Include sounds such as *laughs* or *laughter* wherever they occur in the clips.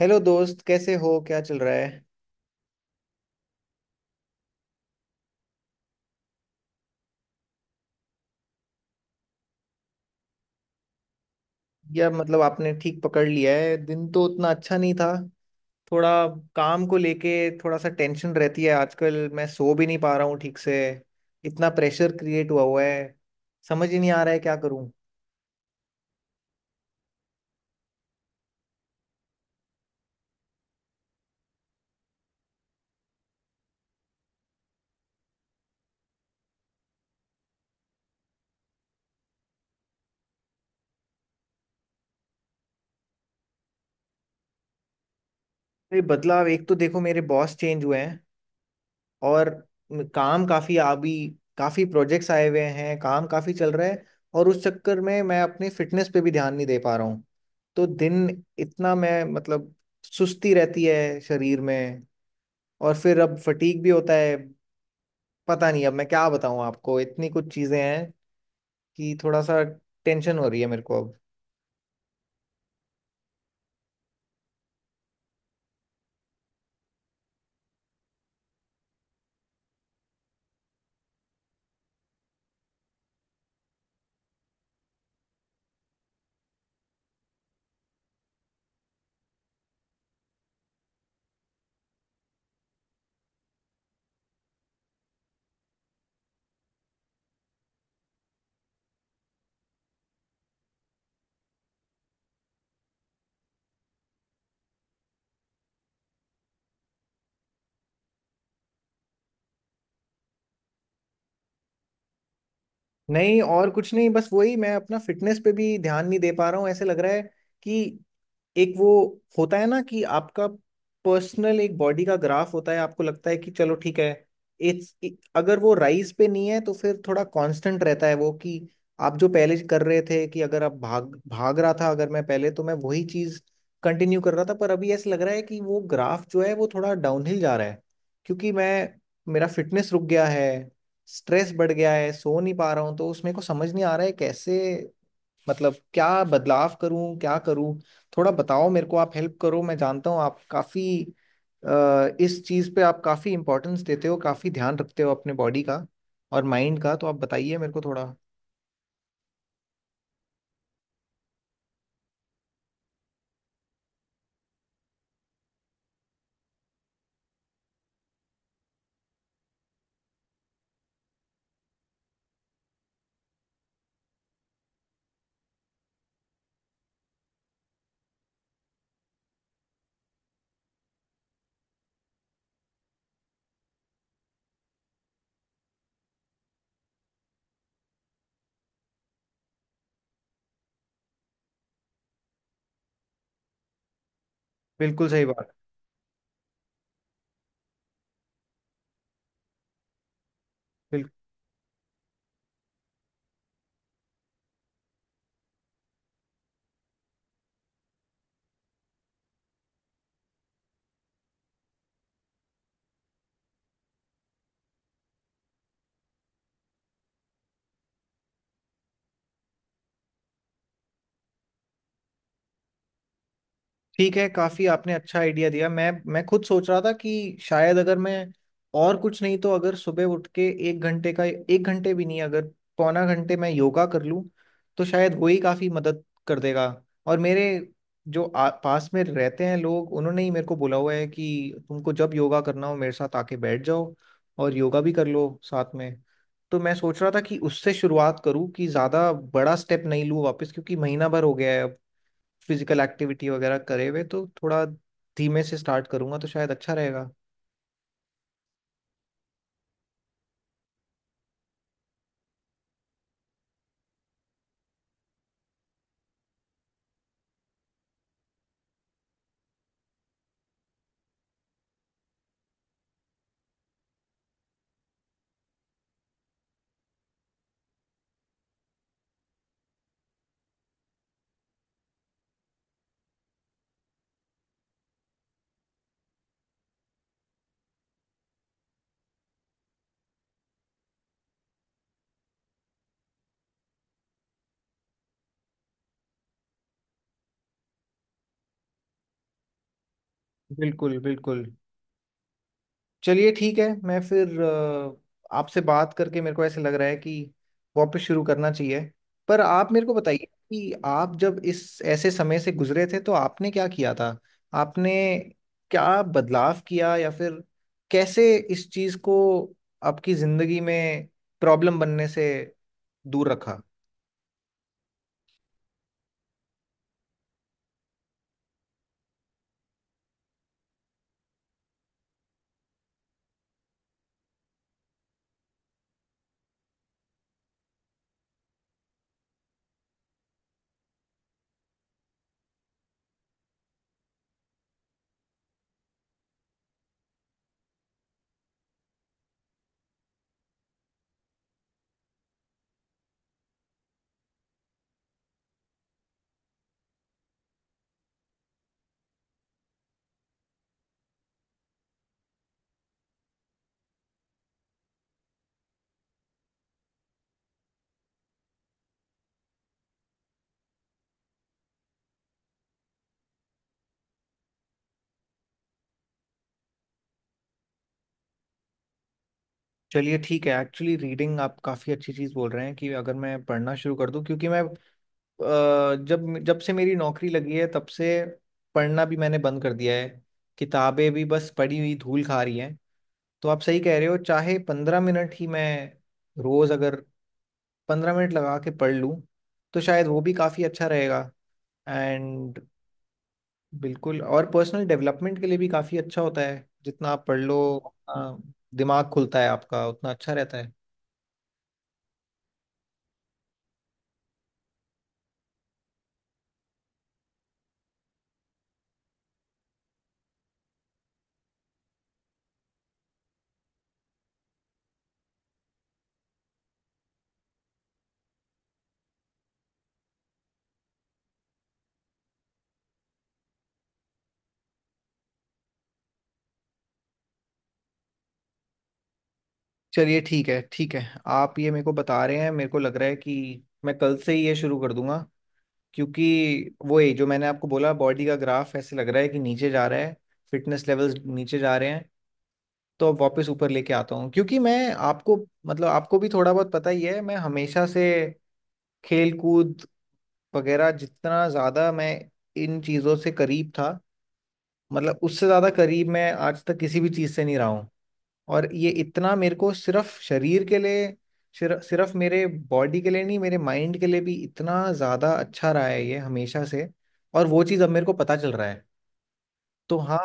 Hello दोस्त, कैसे हो? क्या चल रहा है? यार मतलब आपने ठीक पकड़ लिया है, दिन तो उतना अच्छा नहीं था। थोड़ा काम को लेके थोड़ा सा टेंशन रहती है आजकल। मैं सो भी नहीं पा रहा हूँ ठीक से। इतना प्रेशर क्रिएट हुआ हुआ है। समझ ही नहीं आ रहा है क्या करूँ। ये बदलाव, एक तो देखो मेरे बॉस चेंज हुए हैं, और काम काफी अभी, काफी प्रोजेक्ट्स आए हुए हैं, काम काफी चल रहा है। और उस चक्कर में मैं अपनी फिटनेस पे भी ध्यान नहीं दे पा रहा हूँ। तो दिन इतना, मैं मतलब सुस्ती रहती है शरीर में, और फिर अब फटीग भी होता है। पता नहीं, अब मैं क्या बताऊँ आपको, इतनी कुछ चीजें हैं कि थोड़ा सा टेंशन हो रही है मेरे को अब। नहीं, और कुछ नहीं, बस वही। मैं अपना फिटनेस पे भी ध्यान नहीं दे पा रहा हूँ। ऐसे लग रहा है कि एक वो होता है ना कि आपका पर्सनल एक बॉडी का ग्राफ होता है, आपको लगता है कि चलो ठीक है। इट्स, अगर वो राइज पे नहीं है तो फिर थोड़ा कांस्टेंट रहता है वो, कि आप जो पहले कर रहे थे, कि अगर आप भाग भाग रहा था अगर मैं पहले, तो मैं वही चीज कंटिन्यू कर रहा था। पर अभी ऐसा लग रहा है कि वो ग्राफ जो है वो थोड़ा डाउनहिल जा रहा है, क्योंकि मैं, मेरा फिटनेस रुक गया है, स्ट्रेस बढ़ गया है, सो नहीं पा रहा हूँ। तो उसमें को समझ नहीं आ रहा है कैसे, मतलब क्या बदलाव करूँ क्या करूँ। थोड़ा बताओ मेरे को, आप हेल्प करो। मैं जानता हूँ आप काफी, इस चीज पे आप काफी इंपॉर्टेंस देते हो, काफी ध्यान रखते हो अपने बॉडी का और माइंड का। तो आप बताइए मेरे को थोड़ा। बिल्कुल सही बात। बिल्कुल। ठीक है, काफी आपने अच्छा आइडिया दिया। मैं खुद सोच रहा था कि शायद अगर मैं, और कुछ नहीं तो अगर सुबह उठ के एक घंटे का, एक घंटे भी नहीं, अगर पौना घंटे मैं योगा कर लूँ तो शायद वो ही काफी मदद कर देगा। और मेरे जो पास में रहते हैं लोग, उन्होंने ही मेरे को बोला हुआ है कि तुमको जब योगा करना हो मेरे साथ आके बैठ जाओ और योगा भी कर लो साथ में। तो मैं सोच रहा था कि उससे शुरुआत करूँ, कि ज्यादा बड़ा स्टेप नहीं लूँ वापस, क्योंकि महीना भर हो गया है फिजिकल एक्टिविटी वगैरह करे हुए। तो थोड़ा धीमे से स्टार्ट करूंगा तो शायद अच्छा रहेगा। बिल्कुल बिल्कुल। चलिए ठीक है। मैं फिर, आपसे बात करके मेरे को ऐसे लग रहा है कि वापस शुरू करना चाहिए। पर आप मेरे को बताइए कि आप जब इस, ऐसे समय से गुजरे थे तो आपने क्या किया था? आपने क्या बदलाव किया, या फिर कैसे इस चीज को आपकी जिंदगी में प्रॉब्लम बनने से दूर रखा? चलिए ठीक है। एक्चुअली रीडिंग, आप काफ़ी अच्छी चीज़ बोल रहे हैं, कि अगर मैं पढ़ना शुरू कर दूं। क्योंकि मैं, जब जब से मेरी नौकरी लगी है, तब से पढ़ना भी मैंने बंद कर दिया है। किताबें भी बस पड़ी हुई धूल खा रही हैं। तो आप सही कह रहे हो, चाहे 15 मिनट ही मैं रोज़, अगर 15 मिनट लगा के पढ़ लूँ तो शायद वो भी काफ़ी अच्छा रहेगा। एंड, बिल्कुल। और पर्सनल डेवलपमेंट के लिए भी काफ़ी अच्छा होता है जितना आप पढ़ लो। अ, दिमाग खुलता है आपका, उतना अच्छा रहता है। चलिए ठीक है, ठीक है। आप ये मेरे को बता रहे हैं, मेरे को लग रहा है कि मैं कल से ही ये शुरू कर दूंगा। क्योंकि वो, ये जो मैंने आपको बोला, बॉडी का ग्राफ ऐसे लग रहा है कि नीचे जा रहा है, फिटनेस लेवल्स नीचे जा रहे हैं, तो अब वापस ऊपर लेके आता हूँ। क्योंकि मैं, आपको, मतलब आपको भी थोड़ा बहुत पता ही है, मैं हमेशा से खेल कूद वगैरह, जितना ज़्यादा मैं इन चीज़ों से करीब था, मतलब उससे ज़्यादा करीब मैं आज तक किसी भी चीज़ से नहीं रहा। और ये इतना मेरे को सिर्फ शरीर के लिए, सिर्फ सिर्फ मेरे बॉडी के लिए नहीं, मेरे माइंड के लिए भी इतना ज़्यादा अच्छा रहा है ये हमेशा से। और वो चीज़ अब मेरे को पता चल रहा है। तो हाँ।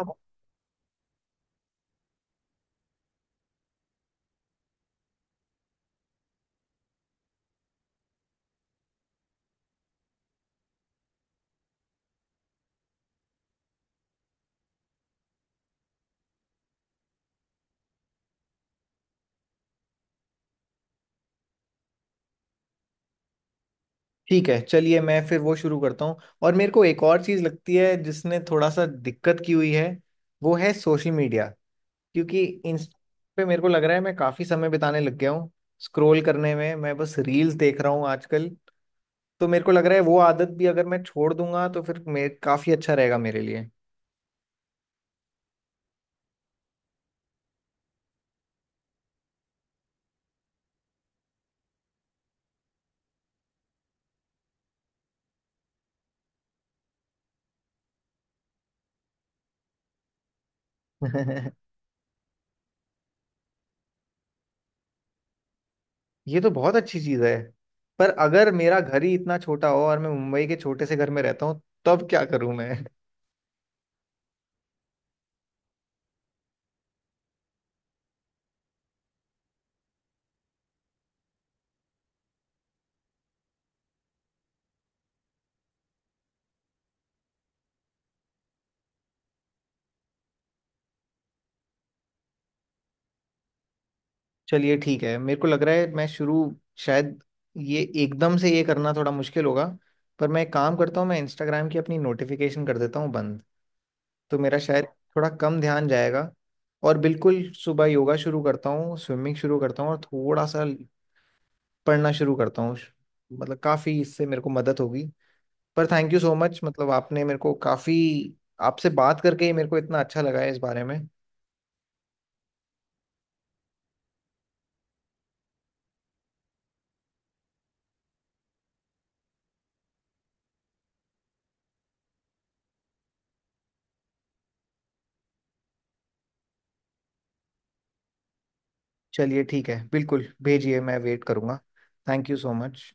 ठीक है चलिए, मैं फिर वो शुरू करता हूँ। और मेरे को एक और चीज़ लगती है जिसने थोड़ा सा दिक्कत की हुई है, वो है सोशल मीडिया। क्योंकि इंस्टा पे मेरे को लग रहा है मैं काफ़ी समय बिताने लग गया हूँ, स्क्रोल करने में। मैं बस रील्स देख रहा हूँ आजकल। तो मेरे को लग रहा है वो आदत भी अगर मैं छोड़ दूंगा, तो फिर मेरे काफ़ी अच्छा रहेगा मेरे लिए। *laughs* ये तो बहुत अच्छी चीज है। पर अगर मेरा घर ही इतना छोटा हो, और मैं मुंबई के छोटे से घर में रहता हूँ, तब क्या करूं मैं? *laughs* चलिए ठीक है, मेरे को लग रहा है मैं शुरू, शायद ये एकदम से ये करना थोड़ा मुश्किल होगा। पर मैं एक काम करता हूँ, मैं इंस्टाग्राम की अपनी नोटिफिकेशन कर देता हूँ बंद, तो मेरा शायद थोड़ा कम ध्यान जाएगा। और बिल्कुल, सुबह योगा शुरू करता हूँ, स्विमिंग शुरू करता हूँ, और थोड़ा सा पढ़ना शुरू करता हूँ। मतलब काफ़ी इससे मेरे को मदद होगी। पर थैंक यू सो मच, मतलब आपने मेरे को काफी, आपसे बात करके ही मेरे को इतना अच्छा लगा है इस बारे में। चलिए ठीक है, बिल्कुल भेजिए, मैं वेट करूंगा। Thank you so much.